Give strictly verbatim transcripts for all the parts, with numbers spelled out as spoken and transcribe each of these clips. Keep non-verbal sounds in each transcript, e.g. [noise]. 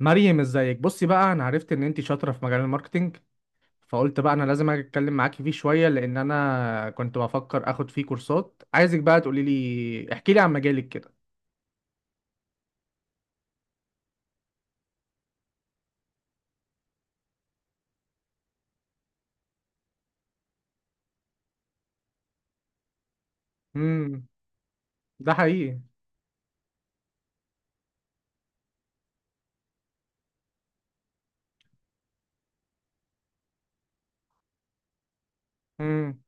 مريم، ازيك؟ بصي بقى، انا عرفت ان انت شاطره في مجال الماركتينج، فقلت بقى انا لازم اجي اتكلم معاكي فيه شويه، لان انا كنت بفكر اخد فيه كورسات. عايزك بقى تقولي لي، احكي لي عن مجالك كده. امم. ده حقيقي. امم.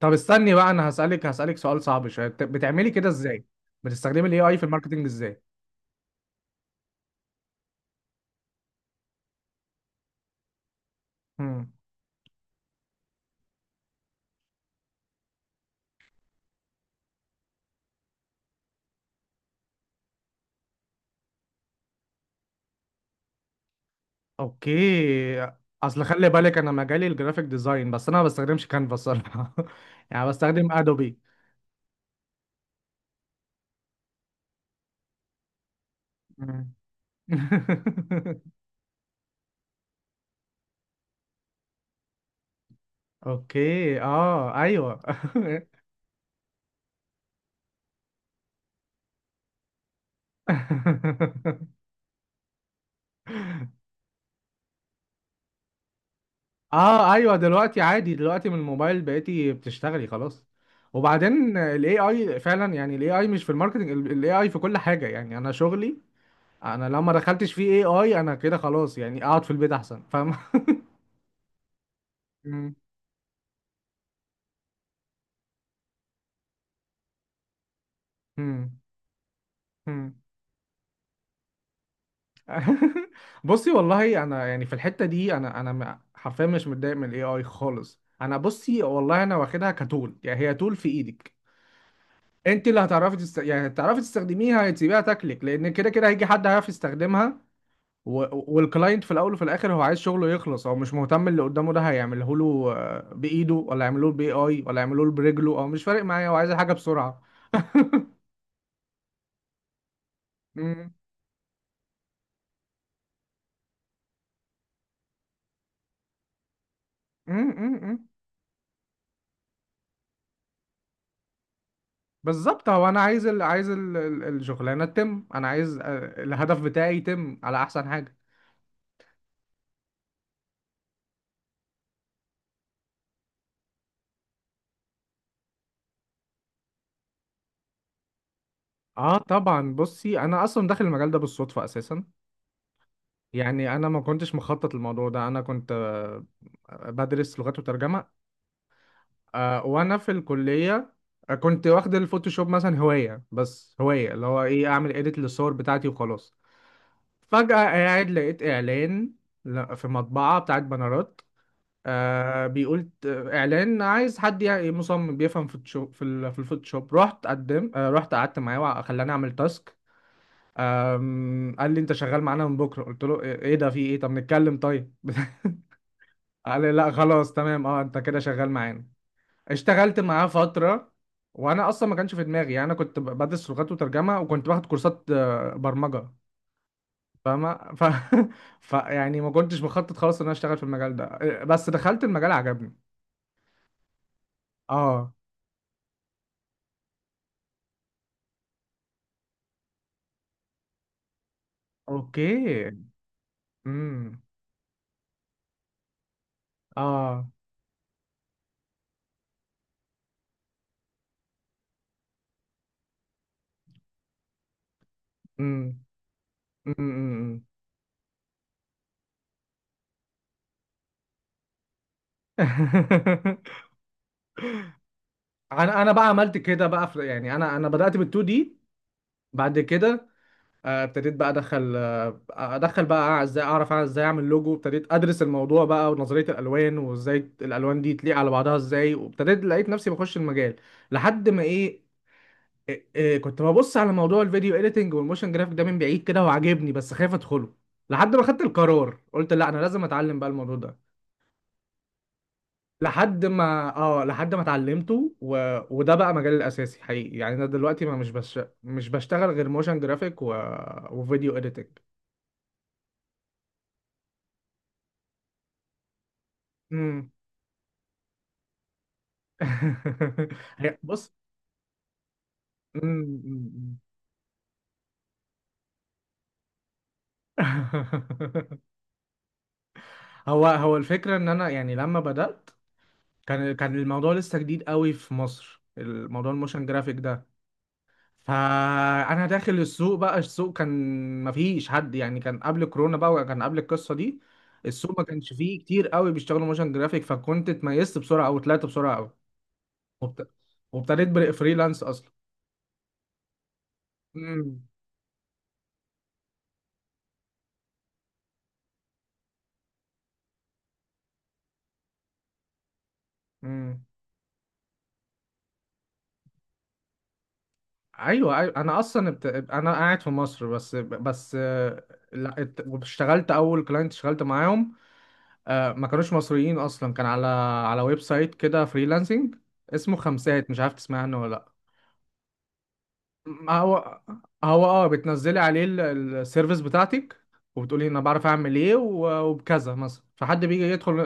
طب استني بقى، انا هسالك هسالك سؤال صعب شويه، بت- بتعملي كده ازاي؟ بتستخدمي الاي اي في الماركتينج ازاي؟ امم. اوكي. اصل خلي بالك، انا مجالي الجرافيك ديزاين، بس انا ما بستخدمش كانفا الصراحه، [laughs] يعني بستخدم ادوبي. مم. [laughs] اوكي، اه، ايوه. [laughs] اه ايوه، دلوقتي عادي، دلوقتي من الموبايل بقيتي بتشتغلي خلاص. وبعدين الاي اي فعلا، يعني الاي اي مش في الماركتنج، الاي اي في كل حاجه، يعني انا شغلي، انا لو ما دخلتش فيه اي اي انا كده خلاص، يعني اقعد في البيت احسن، فاهم؟ مم. مم. مم. [laughs] بصي والله، انا يعني في الحته دي، انا انا م- حرفيا مش متضايق من الاي اي خالص. انا بصي والله، انا واخدها كتول، يعني هي تول في ايدك. انت اللي هتعرفي تست... يعني هتعرفي تستخدميها، هتسيبيها تاكلك، لان كده كده هيجي حد هيعرف يستخدمها. و... والكلاينت في الاول وفي الاخر هو عايز شغله يخلص، هو مش مهتم اللي قدامه ده هيعمله له آه، بايده ولا يعمله له باي اي ولا يعمله له برجله، او مش فارق معايا، هو عايز الحاجه بسرعه. امم. امم. بالظبط، هو انا عايز ال... عايز ال... ال- الشغلانه تتم، انا عايز آه، الهدف بتاعي يتم على احسن حاجه. اه طبعا، بصي انا اصلا داخل المجال ده بالصدفه اساسا. يعني انا ما كنتش مخطط للموضوع ده، انا كنت آه، بدرس لغات وترجمه، آه، وانا في الكليه. آه، كنت واخد الفوتوشوب مثلا هوايه، بس هوايه اللي هو ايه، اعمل اديت للصور بتاعتي وخلاص. فجاه قاعد لقيت اعلان ل- في مطبعه بتاعت بنرات، آه، بيقول ت- اعلان عايز حد يعني مصمم بيفهم فوتوشوب في ال- في الفوتوشوب. رحت قدم، آه، رحت قعدت معاه وخلاني اعمل تاسك. أم، قال لي انت شغال معانا من بكره، قلت له ايه؟ إيه ده، في ايه؟ طب نتكلم طيب. [laughs] قال لي لا خلاص تمام، اه انت كده شغال معانا. اشتغلت معاه فترة. وانا اصلا ما كانش في دماغي، يعني انا كنت ب- بدرس لغات وترجمة، وكنت باخد كورسات آه، برمجة، فاهمة؟ ف... [laughs] ف يعني ما كنتش بخطط خالص ان انا اشتغل في المجال ده، آه، بس دخلت المجال عجبني. اه. اوكي. امم. اه. امم. امم. [laughs] انا انا بقى عملت كده بقى في... يعني انا انا بدأت بال2 دي. بعد كده آه، ابتديت بقى ادخل، آه، ادخل بقى ازاي اعرف أعمل- ازاي اعمل لوجو. ابتديت ادرس الموضوع بقى ونظريه الالوان، وازاي الالوان دي تليق على بعضها ازاي، وابتديت لقيت نفسي بخش المجال، لحد ما ايه، إيه- إيه، كنت ببص على موضوع الفيديو اديتنج والموشن جرافيك ده من بعيد كده وعاجبني بس خايف ادخله، لحد ما خدت القرار قلت لا انا لازم اتعلم بقى الموضوع ده. لحد ما اه، لحد ما اتعلمته، و... وده بقى مجالي الاساسي حقيقي. يعني انا دلوقتي ما مش بش... مش بشتغل غير موشن جرافيك و... وفيديو اديتنج. [laughs] هي- بص. مم، [laughs] مم، مم. هو هو الفكرة ان انا يعني لما بدأت كان كان الموضوع لسه جديد قوي في مصر، الموضوع الموشن جرافيك ده. فانا داخل السوق بقى، السوق كان مفيش حد، يعني كان قبل كورونا بقى وكان قبل القصة دي، السوق ما كانش فيه كتير قوي بيشتغلوا موشن جرافيك. فكنت اتميزت بسرعة او طلعت بسرعة قوي. وابت- وابتديت بري- فريلانس اصلا. مم، مم. ايوه ايوه، انا اصلا بت... انا قاعد في مصر بس بس آه، لا ات- اشتغلت اول كلاينت اشتغلت معاهم، آه، ما كانوش مصريين اصلا، كان على على ويب سايت كده فريلانسنج اسمه خمسات، مش عارف تسمع عنه ولا لا. ما هو، هو اه بتنزلي عليه ال- ال- السيرفيس بتاعتك، وبتقولي انا بعرف اعمل ايه و- وبكذا مثلا، فحد بيجي يدخل.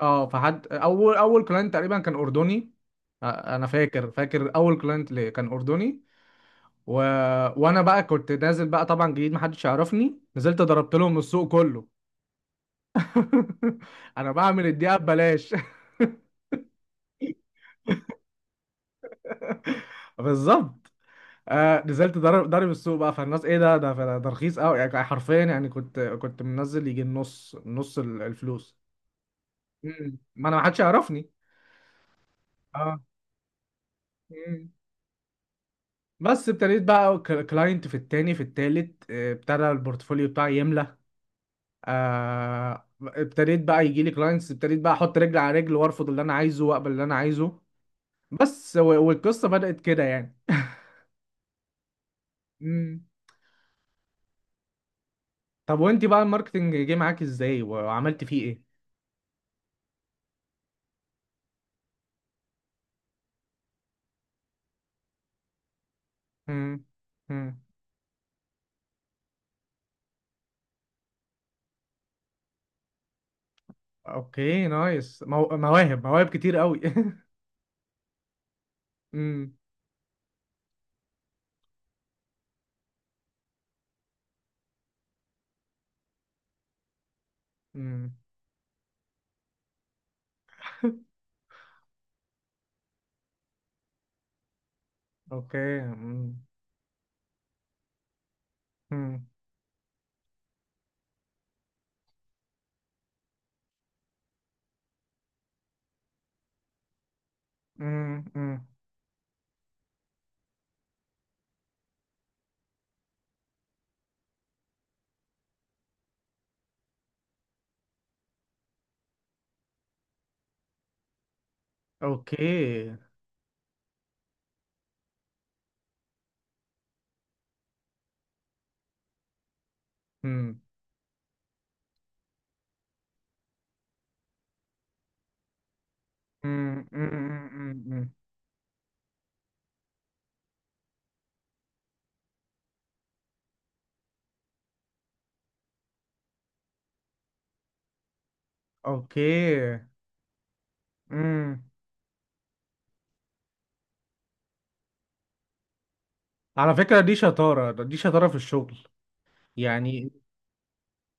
اه، فحد اول اول كلاينت تقريبا كان اردني، آه، انا فاكر فاكر اول كلاينت ليه كان اردني. و... وانا بقى كنت نازل بقى طبعا جديد محدش يعرفني، نزلت ضربت لهم السوق كله. [laughs] انا بعمل الدقيقه ببلاش. [laughs] بالظبط. آه نزلت ضرب ضرب السوق بقى، فالناس ايه ده ده ده ده رخيص قوي، يعني حرفيا. يعني كنت كنت منزل يجي النص، نص ال- الفلوس. مم. ما انا، ما حدش يعرفني. اه. مم. بس ابتديت بقى كلاينت في التاني في التالت، آه، ابتدى البورتفوليو بتاعي يملى. آه، ابتديت بقى يجي لي كلاينتس، ابتديت بقى احط رجل على رجل وارفض اللي انا عايزه واقبل اللي انا عايزه. بس و- والقصه بدات كده يعني. [laughs] مم. طب وانت بقى الماركتنج جه معاك ازاي وعملت فيه ايه؟ مم. مم. اوكي نايس، مو... مواهب مواهب كتير قوي. [laughs] مم. مم. اوكي. مم. مم. مم. مم. اوكي. مم. مم. مم. مم. مم. اوكي. مم. على فكرة، دي شطارة، دي شطارة في الشغل يعني.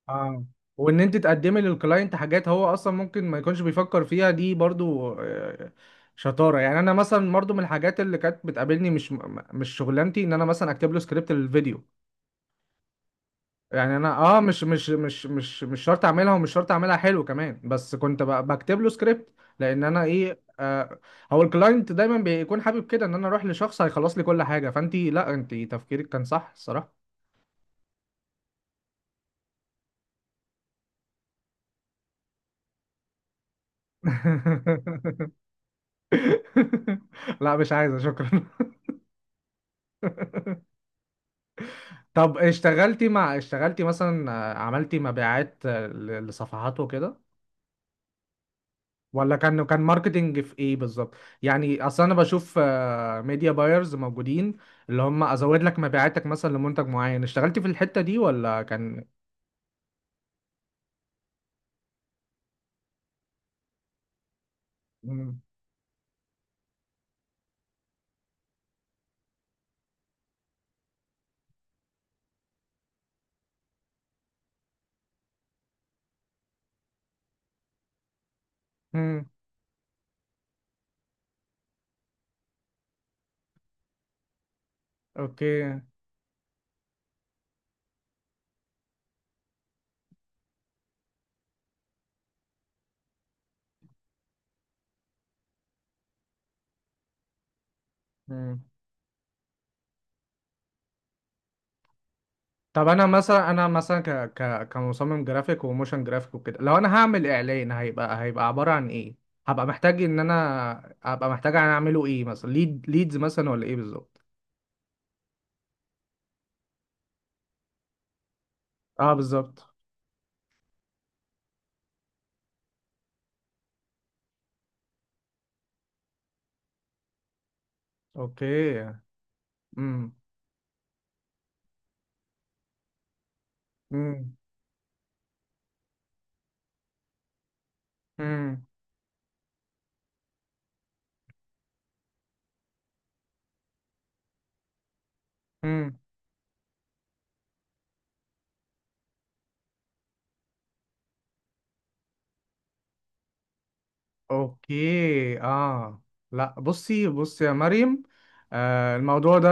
اه. وان انت تقدمي للكلاينت حاجات هو اصلا ممكن ما يكونش بيفكر فيها دي برضو، آه، شطاره. يعني انا مثلا برضو من الحاجات اللي كانت بتقابلني مش م- مش شغلانتي، ان انا مثلا اكتب له سكريبت للفيديو. يعني انا اه مش مش مش مش مش شرط اعملها ومش شرط اعملها حلو كمان، بس كنت ب- بكتب له سكريبت، لان انا ايه آه. هو الكلاينت دايما بيكون حابب كده ان انا اروح لشخص هيخلص لي كل حاجه، فانت لا، انت تفكيرك كان صح الصراحه. [laughs] [laughs] لا مش عايزة شكرا. [laughs] طب اشتغلتي مع اشتغلتي مثلا آه، عملتي مبيعات، آه، ل- لصفحات وكده؟ ولا كان كان ماركتينج في ايه بالظبط؟ يعني اصلا انا بشوف ميديا بايرز موجودين اللي هم ازود لك مبيعاتك مثلا لمنتج معين، اشتغلتي في الحتة دي ولا كان؟ مم. مم. اوكي. مم. طب انا مثلا، انا مثلا ك ك كمصمم جرافيك وموشن جرافيك وكده، لو انا هعمل اعلان، هيبقى هيبقى عبارة عن ايه؟ هبقى محتاج ان انا، هبقى محتاج انا اعمله ايه مثلا، ليد ليدز مثلا ولا ايه بالظبط؟ اه بالظبط. اوكي. امم. امم. امم. امم. اوكي. اه. لا بصي، بصي يا مريم، آه الموضوع ده،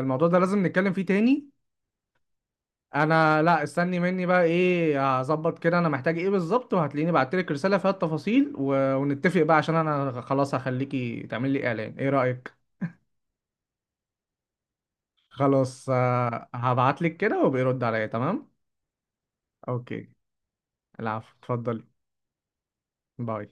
الموضوع ده لازم نتكلم فيه تاني. انا، لا استني مني بقى، ايه هظبط كده، انا محتاج ايه بالظبط، وهتلاقيني بعتلك رسالة فيها التفاصيل، و... ونتفق بقى عشان انا خلاص هخليكي تعمل لي اعلان، ايه رأيك؟ خلاص آه، هبعتلك كده وبيرد عليا، تمام. اوكي. العفو، اتفضلي. باي.